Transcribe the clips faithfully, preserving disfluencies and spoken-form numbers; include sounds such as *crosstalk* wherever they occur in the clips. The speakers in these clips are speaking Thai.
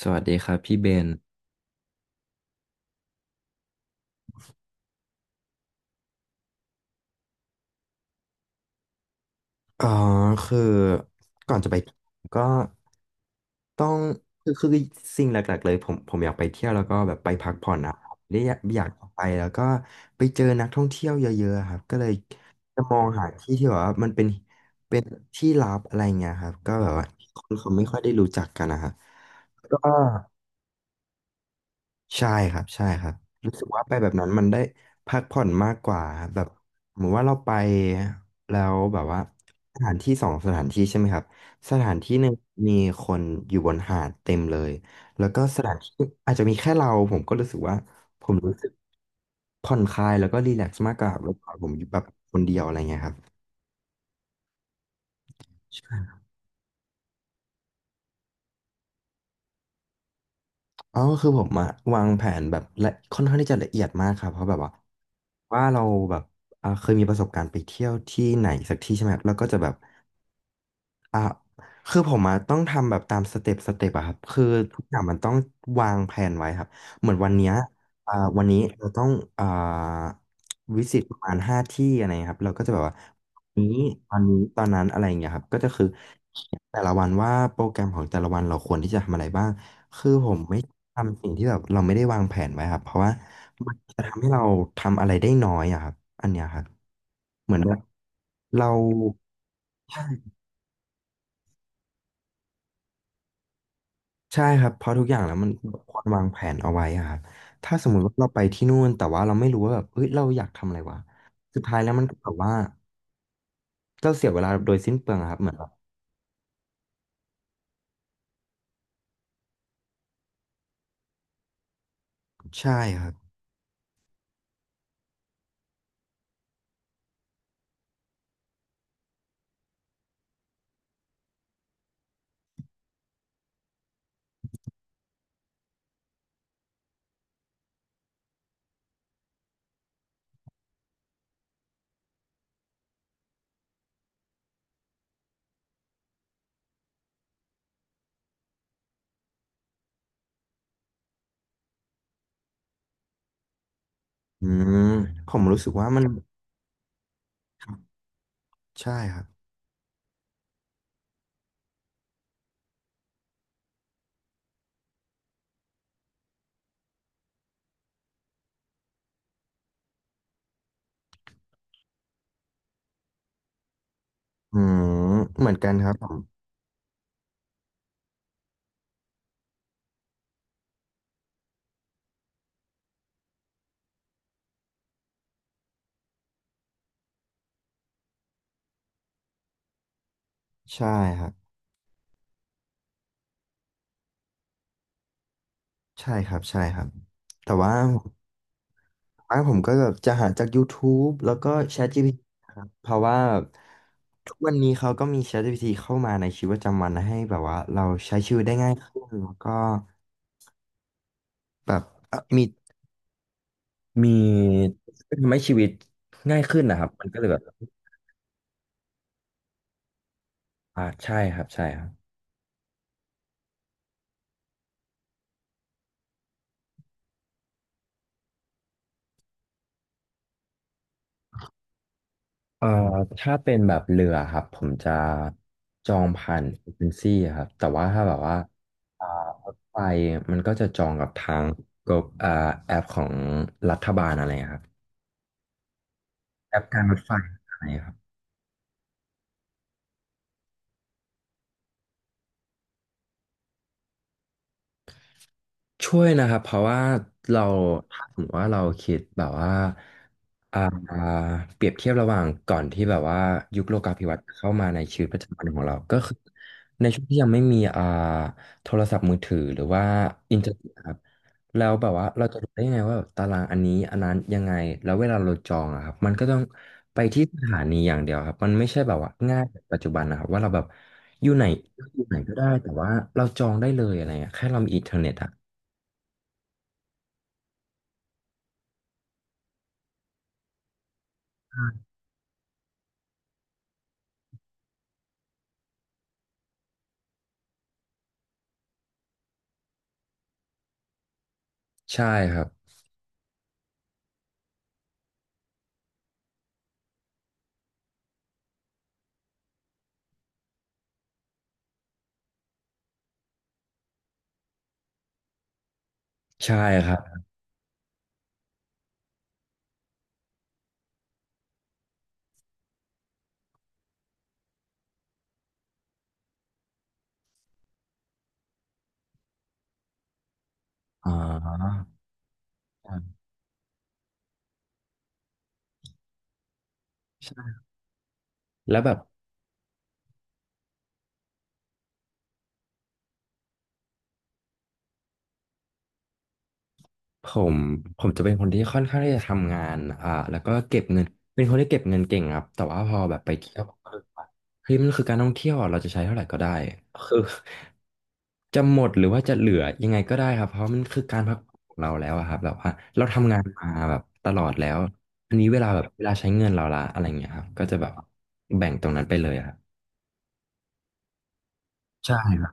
สวัสดีครับพี่เบนอ๋อคือก่อนจะไปก็ต้องคือคือสิ่งหลักๆเลยผมผมอยากไปเที่ยวแล้วก็แบบไปพักผ่อนนะครับได้อยากอยากไปแล้วก็ไปเจอนักท่องเที่ยวเยอะๆครับก็เลยจะมองหาที่ที่แบบว่ามันเป็นเป็นที่ลับอะไรเงี้ยครับก็แบบว่าคนเขาไม่ค่อยได้รู้จักกันนะครับก็ ใช่ครับใช่ครับรู้สึกว่าไปแบบนั้นมันได้พักผ่อนมากกว่าครับแบบเหมือนว่าเราไปแล้วแบบว่าสถานที่สองสถานที่ใช่ไหมครับสถานที่หนึ่งมีคนอยู่บนหาดเต็มเลยแล้วก็สถานที่อาจจะมีแค่เราผมก็รู้สึกว่าผมรู้สึกผ่อนคลายแล้วก็รีแลกซ์มากกว่าเวลาผมอยู่แบบคนเดียวอะไรเงี้ยครับ อ๋อคือผมอะวางแผนแบบละค่อนข้างที่จะละเอียดมากครับเพราะแบบว่าว่าเราแบบอ่าเคยมีประสบการณ์ไปเที่ยวที่ไหนสักที่ใช่ไหมครับเราก็จะแบบ อ่ะคือผมอะต้องทำแบบตามสเต็ปสเต็ปอะครับคือทุกอย่างมันต้องวางแผนไว้ครับเหมือนวันเนี้ยอ่าวันนี้เราต้องอ่าวิสิตประมาณห้าที่อะไรเงี้ยครับเราก็จะแบบว่านี้ตอนนี้ตอนนั้นอะไรอย่างเงี้ยครับก็จะคือเขียนแต่ละวันว่าโปรแกรมของแต่ละวันเราควรที่จะทำอะไรบ้างคือผมไม่ทำสิ่งที่แบบเราไม่ได้วางแผนไว้ครับเพราะว่ามันจะทำให้เราทำอะไรได้น้อยอะครับอันเนี้ยครับเหมือนแบบเราใช่ ใช่ครับเพราะทุกอย่างแล้วมันควรวางแผนเอาไว้อะครับถ้าสมมุติว่าเราไปที่นู่นแต่ว่าเราไม่รู้ว่าแบบเฮ้ยเราอยากทำอะไรวะสุดท้ายแล้วมันก็แบบว่าเราเสียเวลาโดยสิ้นเปลืองอะครับเหมือนแบบใช่ครับอืมผมรู้สึกว่ามันใช่ครับอืมเหมือนกันครับผมใช่ครับใช่ครับใช่ครับแต่ว่า อ่ะผมก็แบบจะหาจาก YouTube แล้วก็ ChatGPT นะครับเพราะว่าทุกวันนี้เขาก็มี ChatGPT เข้ามาในชีวิตประจำวันให้แบบว่าเราใช้ชีวิตได้ง่ายขึ้นแล้วก็แบบเอ่อมีมีทำให้ชีวิตง่ายขึ้นนะครับมันก็เลยแบบอ่าใช่ครับใช่ครับเอ่อถ้าเป็นแบบเรือครับผมจะจองผ่านเอเจนซี่ครับแต่ว่าถ้าแบบว่าอ่ารถไฟมันก็จะจองกับทางกบอ่าแอปของรัฐบาลอะไรครับ แอปการลดไฟอะไรครับ ช่วยนะครับเพราะว่าเราถ้าสมมติว่าเราคิดแบบว่าอ่าเปรียบเทียบระหว่างก่อนที่แบบว่ายุคโลกาภิวัตน์เข้ามาในชีวิตประจำวันของเราก็คือในช่วงที่ยังไม่มีอ่าโทรศัพท์มือถือหรือว่าอินเทอร์เน็ตครับแล้วแบบว่าเราจะรู้ได้ยังไงว่าแบบตารางอันนี้อันนั้นยังไงแล้วเวลาเราจองอะครับมันก็ต้องไปที่สถานีอย่างเดียวครับมันไม่ใช่แบบว่าง่ายแบบปัจจุบันนะครับว่าเราแบบอยู่ไหนอยู่ไหนก็ได้แต่ว่าเราจองได้เลยอะไรเงี้ยแค่เรามีอินเทอร์เน็ตอะ ใช่ครับใช่ครับอ๋อใช่แล้วแบบผมผมจะเป็นคนที่ค่อนข้างที่จะทำงานอ่าแล้วก็เก็บเงินเป็นคนที่เก็บเงินเก่งครับแต่ว่าพอแบบไปเที่ยวผมก็คือว่าเฮ้ยมันคือการท่องเที่ยวอะเราจะใช้เท่าไหร่ก็ได้คือ *laughs* จะหมดหรือว่าจะเหลือยังไงก็ได้ครับเพราะมันคือการพักผ่อนของเราแล้วอะครับแบบว่าเราทำงานมาแบบตลอดแล้วอันนี้เวลาแบบเวลาใช้เงินเราละอะไรอย่างเงี้ยครับก็จะแบบแบ่งตรงนั้นไปเลยอะครับใช่ครับ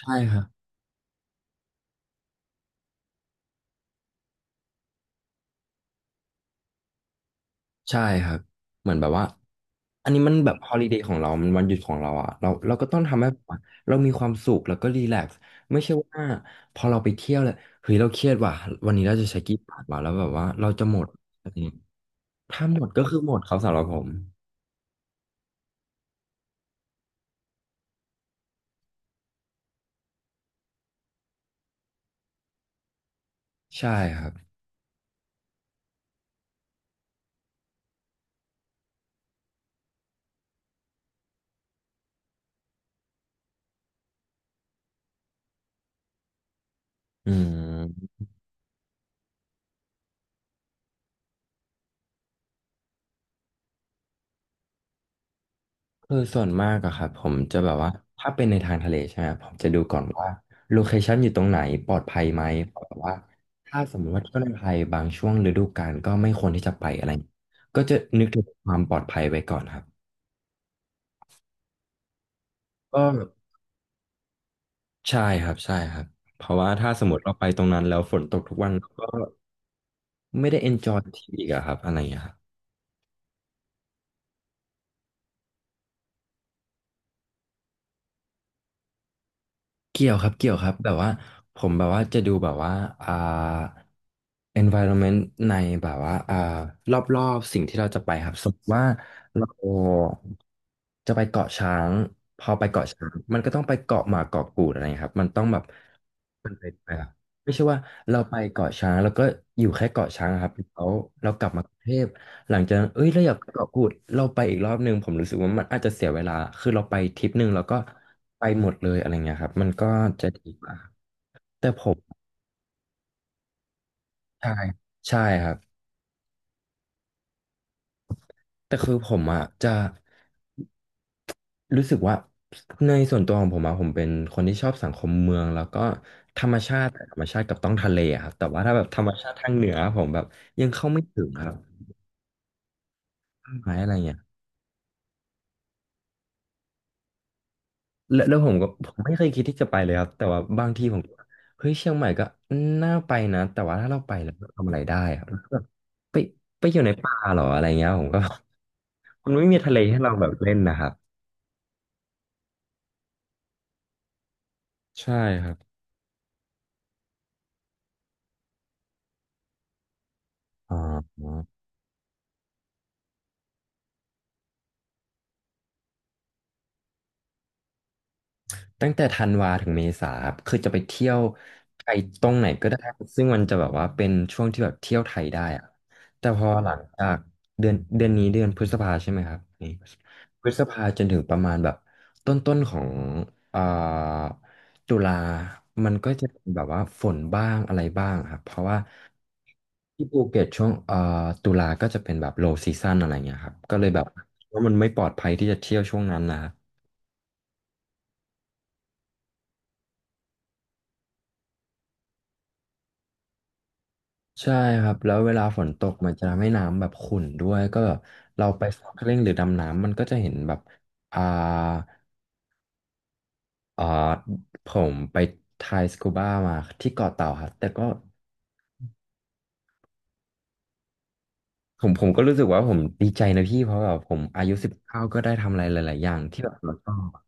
ใช่ครับ ใช่ครับเหมือนแบบว่าอันนี้มันแบบฮอลิเดย์ของเรามันวันหยุดของเราอะเราเราก็ต้องทำให้แบบว่าเรามีความสุขแล้วก็รีแลกซ์ไม่ใช่ว่าพอเราไปเที่ยวแล้วเฮ้ยเราเครียดว่ะวันนี้เราจะใช้กี่บาทวะแล้วแบบว่าเราจะหมดอะไรอย่างเงี้ยถ้าหมดก็คือหมดเขาสำหรับผมใช่ครับอืม คือส่วนมากอะครับผมจะแบบว่าถ้าเป็นในทางทะเลใช่ไหมครับผมจะดูก่อนว่าโลเคชันอยู่ตรงไหนปลอดภัยไหมเพราะแบบว่าถ้าสมมติว่าเที่ยวในไทยบางช่วงฤดูกาลก็ไม่ควรที่จะไปอะไรก็จะนึกถึงความปลอดภัยไว้ก่อนครับก็ใช่ครับใช่ครับเพราะว่าถ้าสมมติเราไปตรงนั้นแล้วฝนตกทุกวันก็ไม่ได้ enjoy ที่อีกอะครับอะไรอย่างเงี้ยครับ เกี่ยวครับเกี่ยวครับแบบว่าผมแบบว่าจะดูแบบว่าอ่า environment ในแบบว่าอ่ารอบๆสิ่งที่เราจะไปครับสมมติว่าเราจะไปเกาะช้างพอไปเกาะช้างมันก็ต้องไปเกาะหมาเกาะกูดอะไรเงี้ยครับมันต้องแบบ มันเป็นไปอ่ะไม่ใช่ว่าเราไปเกาะช้างแล้วก็อยู่แค่เกาะช้างอะครับแล้วเรากลับมากรุงเทพหลังจากนั้นเอ้ยเราอยากไปเกาะกูดเราไปอีกรอบหนึ่งผมรู้สึกว่ามันอาจจะเสียเวลาคือเราไปทริปหนึ่งแล้วก็ไปหมดเลยอะไรเงี้ยครับมันก็จะดีกว่าแต่ผมใช่ใช่ครับ แต่คือผมอ่ะจะรู้สึกว่าในส่วนตัวของผมอ่ะผมเป็นคนที่ชอบสังคมเมืองแล้วก็ธรรมชาติแต่ธรรมชาติกับต้องทะเลอะครับแต่ว่าถ้าแบบธรรมชาติทางเหนือผมแบบยังเข้าไม่ถึงครับต้นไม้อะไรเงี้ยแล้วแล้วผมก็ผมไม่เคยคิดที่จะไปเลยครับแต่ว่าบางทีผมก็เฮ้ยเชียงใหม่ก็น่าไปนะแต่ว่าถ้าเราไปแล้วเราทำอะไรได้ครับแบบไปไปอยู่ในป่าเหรออะไรเงี้ยผมก็ *laughs* มันไม่มีทะเลให้เราแบบเล่นนะครับใช่ครับอ๋อ ตั้งแต่ธันวาถึงเมษาครับคือจะไปเที่ยวไทยตรงไหนก็ได้ซึ่งมันจะแบบว่าเป็นช่วงที่แบบเที่ยวไทยได้อะแต่พอหลังจากเดือนเดือนนี้เดือนพฤษภาใช่ไหมครับนี่พฤษภาจนถึงประมาณแบบต้นต้นของอ่าตุลา มันก็จะเป็นแบบว่าฝนบ้างอะไรบ้างครับเพราะว่าที่ภูเก็ตช่วงเอ่อตุลาก็จะเป็นแบบ low season อะไรเงี้ยครับก็เลยแบบว่ามันไม่ปลอดภัยที่จะเที่ยวช่วงนั้นนะครับ ใช่ครับแล้วเวลาฝนตกมันจะทำให้น้ำแบบขุ่นด้วยก็แบบเราไปส norkeling หรือดำน้ำมันก็จะเห็นแบบอ่าเอ่อผมไปไทยสกูบ้ามาที่เกาะเต่าครับแต่ก็ผมผมก็รู้สึกว่าผมดีใจนะพี่เพราะแบบผมอายุสิบเก้าก็ได้ทำอะไรหลายๆอย่างที่แบบเราชอบอะ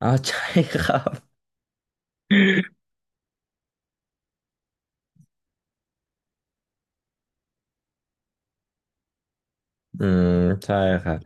อ๋อใช่ครับอืมใช่ครับ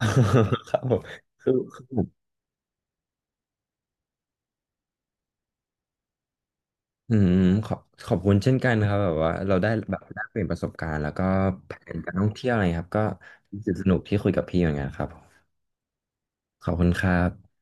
*laughs* ครับผมคือคือผม อืมขอบขอบคุณเช่นกันครับแบบว่าเราได้แบบได้เปลี่ยนประสบการณ์แล้วก็แผนการท่องเที่ยวอะไรครับก็รู้สึกสนุกที่คุยกับพี่เหมือนกันครับขอบคุณครับ